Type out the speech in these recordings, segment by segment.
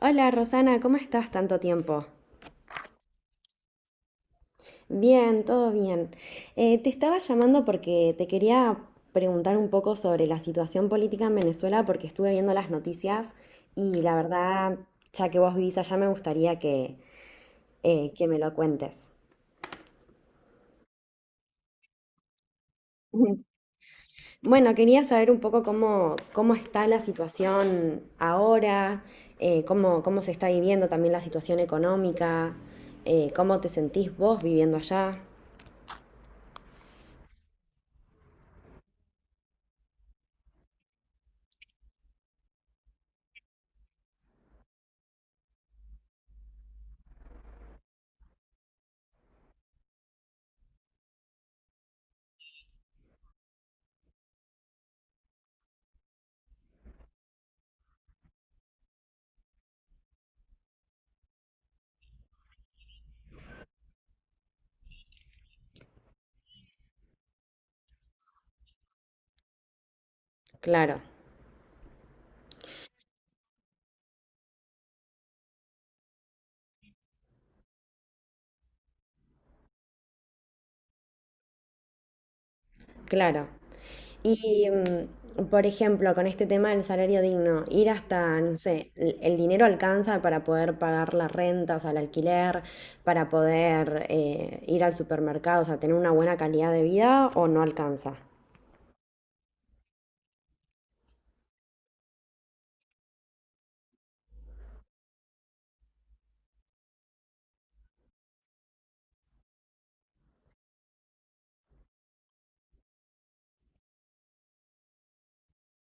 Hola Rosana, ¿cómo estás? Tanto tiempo. Bien, todo bien. Te estaba llamando porque te quería preguntar un poco sobre la situación política en Venezuela porque estuve viendo las noticias y la verdad, ya que vos vivís allá, me gustaría que me lo cuentes. Ujú. Bueno, quería saber un poco cómo está la situación ahora, cómo se está viviendo también la situación económica, cómo te sentís vos viviendo allá. Claro, claro. Y, mm, por ejemplo, con este tema del salario digno, ir hasta, no sé, el dinero alcanza para poder pagar la renta, o sea, el alquiler, para poder ir al supermercado, o sea, tener una buena calidad de vida o no alcanza.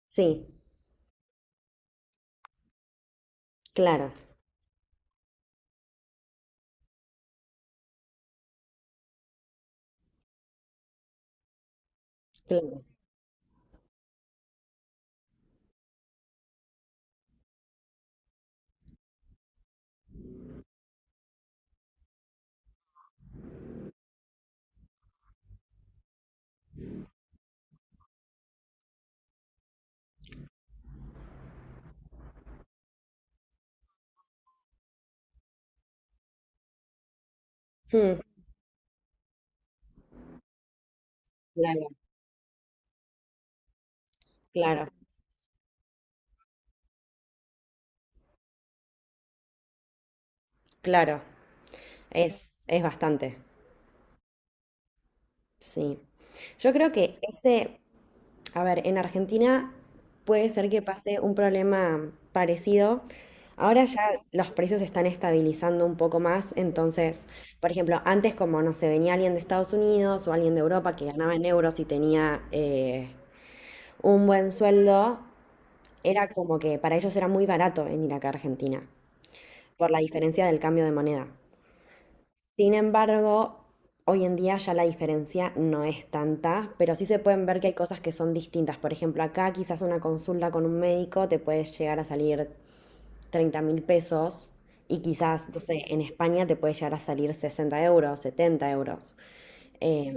Sí, claro, claro. Mm, claro, claro, claro. Es bastante, sí. Yo creo que ese, a ver, en Argentina puede ser que pase un problema parecido. Ahora ya los precios se están estabilizando un poco más, entonces, por ejemplo, antes como no se venía alguien de Estados Unidos o alguien de Europa que ganaba en euros y tenía un buen sueldo, era como que para ellos era muy barato venir acá a Argentina por la diferencia del cambio de moneda. Sin embargo, hoy en día ya la diferencia no es tanta, pero sí se pueden ver que hay cosas que son distintas. Por ejemplo, acá quizás una consulta con un médico te puede llegar a salir 30.000 pesos y quizás, no sé, en España te puede llegar a salir 60 euros, 70 euros. Eh,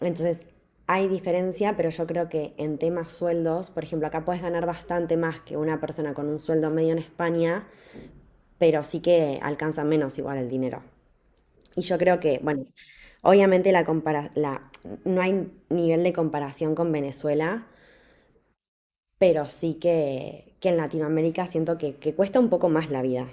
entonces, hay diferencia, pero yo creo que en temas sueldos, por ejemplo, acá puedes ganar bastante más que una persona con un sueldo medio en España, pero sí que alcanza menos igual el dinero. Y yo creo que, bueno, obviamente la la, no hay nivel de comparación con Venezuela, pero sí que en Latinoamérica siento que cuesta un poco más la vida.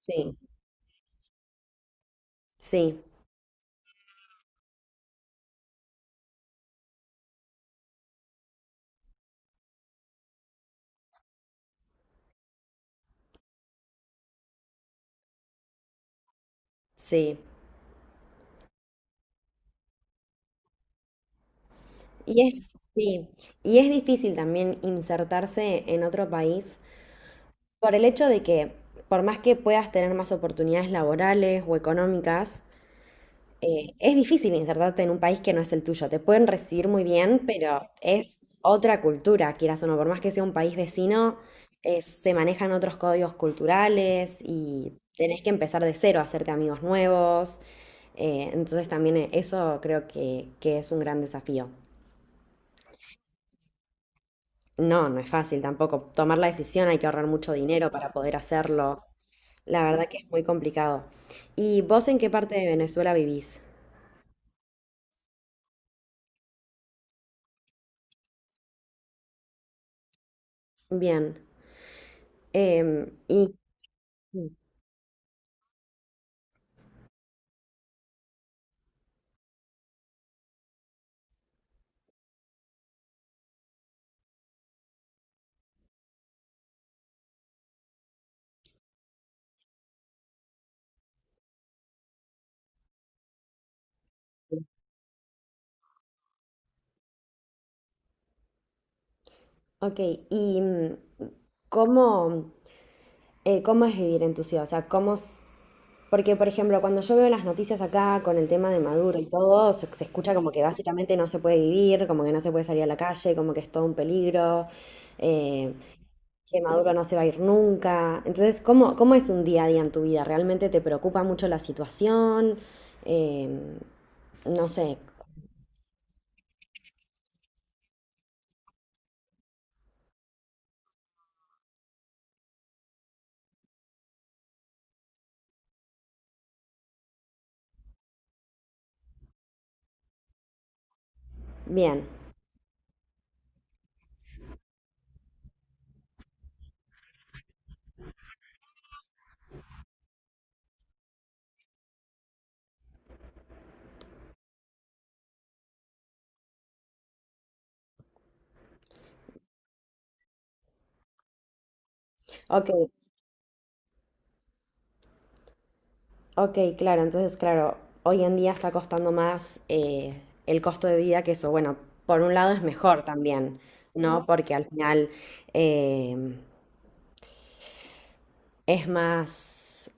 Sí, sí, sí. Y es, sí, y es difícil también insertarse en otro país por el hecho de que, por más que puedas tener más oportunidades laborales o económicas, es difícil insertarte en un país que no es el tuyo. Te pueden recibir muy bien, pero es otra cultura, quieras o no. Por más que sea un país vecino, se manejan otros códigos culturales y tenés que empezar de cero, hacerte amigos nuevos. Entonces también eso creo que es un gran desafío. No, no es fácil tampoco. Tomar la decisión hay que ahorrar mucho dinero para poder hacerlo. La verdad que es muy complicado. ¿Y vos en qué parte de Venezuela vivís? Bien. Em, ¿y mm, Ok, y cómo, cómo es vivir en tu ciudad, o sea, Porque, por ejemplo, cuando yo veo las noticias acá con el tema de Maduro y todo, se escucha como que básicamente no se puede vivir, como que no se puede salir a la calle, como que es todo un peligro, eh, que Maduro no se va a ir nunca. Entonces, ¿cómo, cómo es un día a día en tu vida? ¿Realmente te preocupa mucho la situación? Em, no sé, bien. Ok, ok, claro, entonces, claro, hoy en día está costando más el costo de vida que eso. Bueno, por un lado es mejor también, ¿no? Porque al final eh, es más,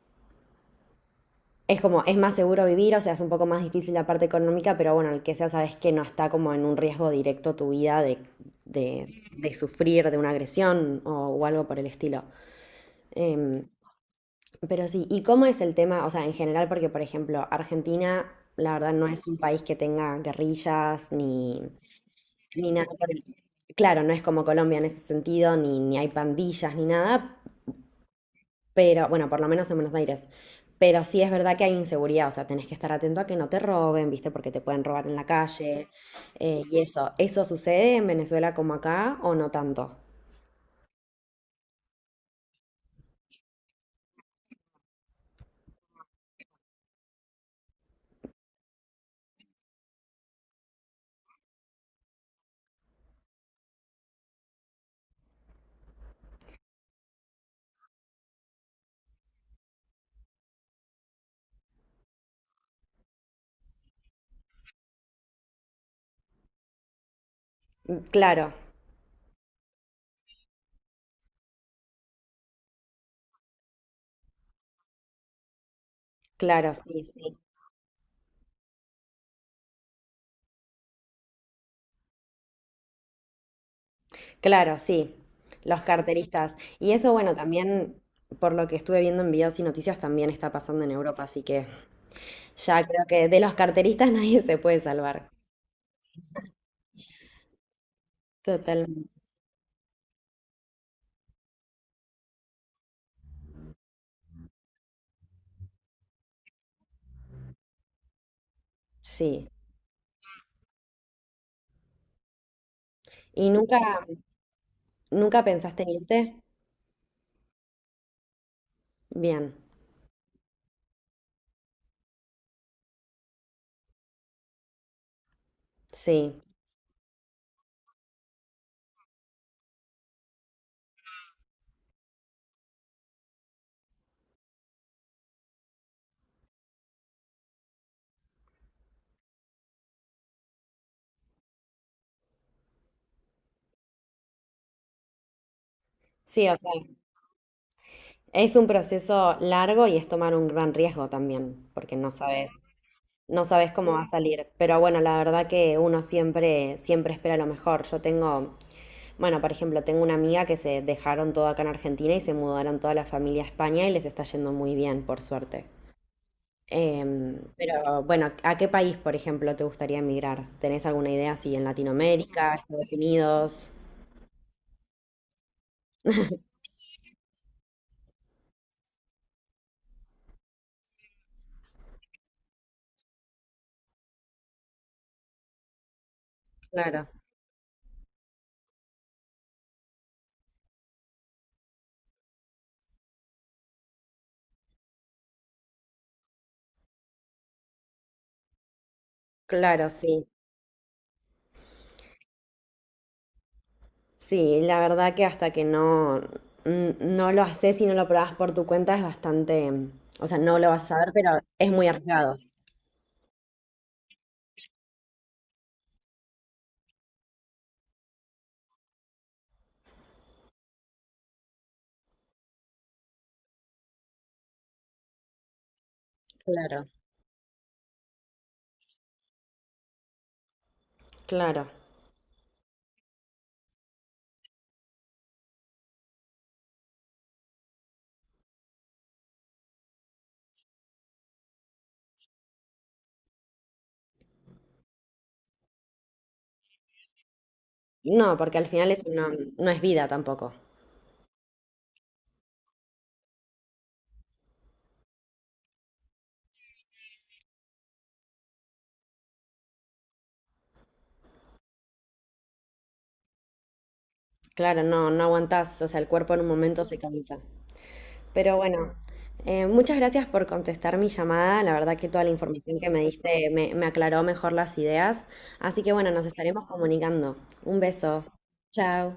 es como, es más seguro vivir, o sea, es un poco más difícil la parte económica, pero bueno, el que sea, sabes que no está como en un riesgo directo tu vida de sufrir de una agresión o algo por el estilo. Em, Pero sí, ¿y cómo es el tema? O sea, en general, porque por ejemplo, Argentina, la verdad, no es un país que tenga guerrillas ni, ni nada. Claro, no es como Colombia en ese sentido, ni, ni hay pandillas ni nada, pero bueno, por lo menos en Buenos Aires. Pero sí es verdad que hay inseguridad, o sea, tenés que estar atento a que no te roben, ¿viste? Porque te pueden robar en la calle y eso. ¿Eso sucede en Venezuela como acá o no tanto? Mm, claro, claro, sí, sí. Claro, sí, los carteristas. Y eso, bueno, también por lo que estuve viendo en videos y noticias, también está pasando en Europa, así que ya creo que de los carteristas nadie se puede salvar. Totalmente. Sí. ¿Y nunca, nunca pensaste en irte? Bien, sí. Sí, o sea, es un proceso largo y es tomar un gran riesgo también, porque no sabes, no sabes cómo va a salir. Pero bueno, la verdad que uno siempre, siempre espera lo mejor. Yo tengo bueno, por ejemplo, tengo una amiga que se dejaron todo acá en Argentina y se mudaron toda la familia a España y les está yendo muy bien, por suerte. Pero bueno, ¿a qué país, por ejemplo, te gustaría emigrar? ¿Tenés alguna idea si en Latinoamérica, Estados Unidos? Claro, claro, sí. Sí, la verdad que hasta que no lo haces y no lo probás por tu cuenta es bastante, o sea, no lo vas a saber, pero es muy arriesgado. Claro, claro. No, porque al final eso no, no es vida tampoco. Claro, no, no aguantás, o sea, el cuerpo en un momento se cansa. Pero bueno, muchas gracias por contestar mi llamada. La verdad que toda la información que me diste me, me aclaró mejor las ideas. Así que bueno, nos estaremos comunicando. Un beso. Chao.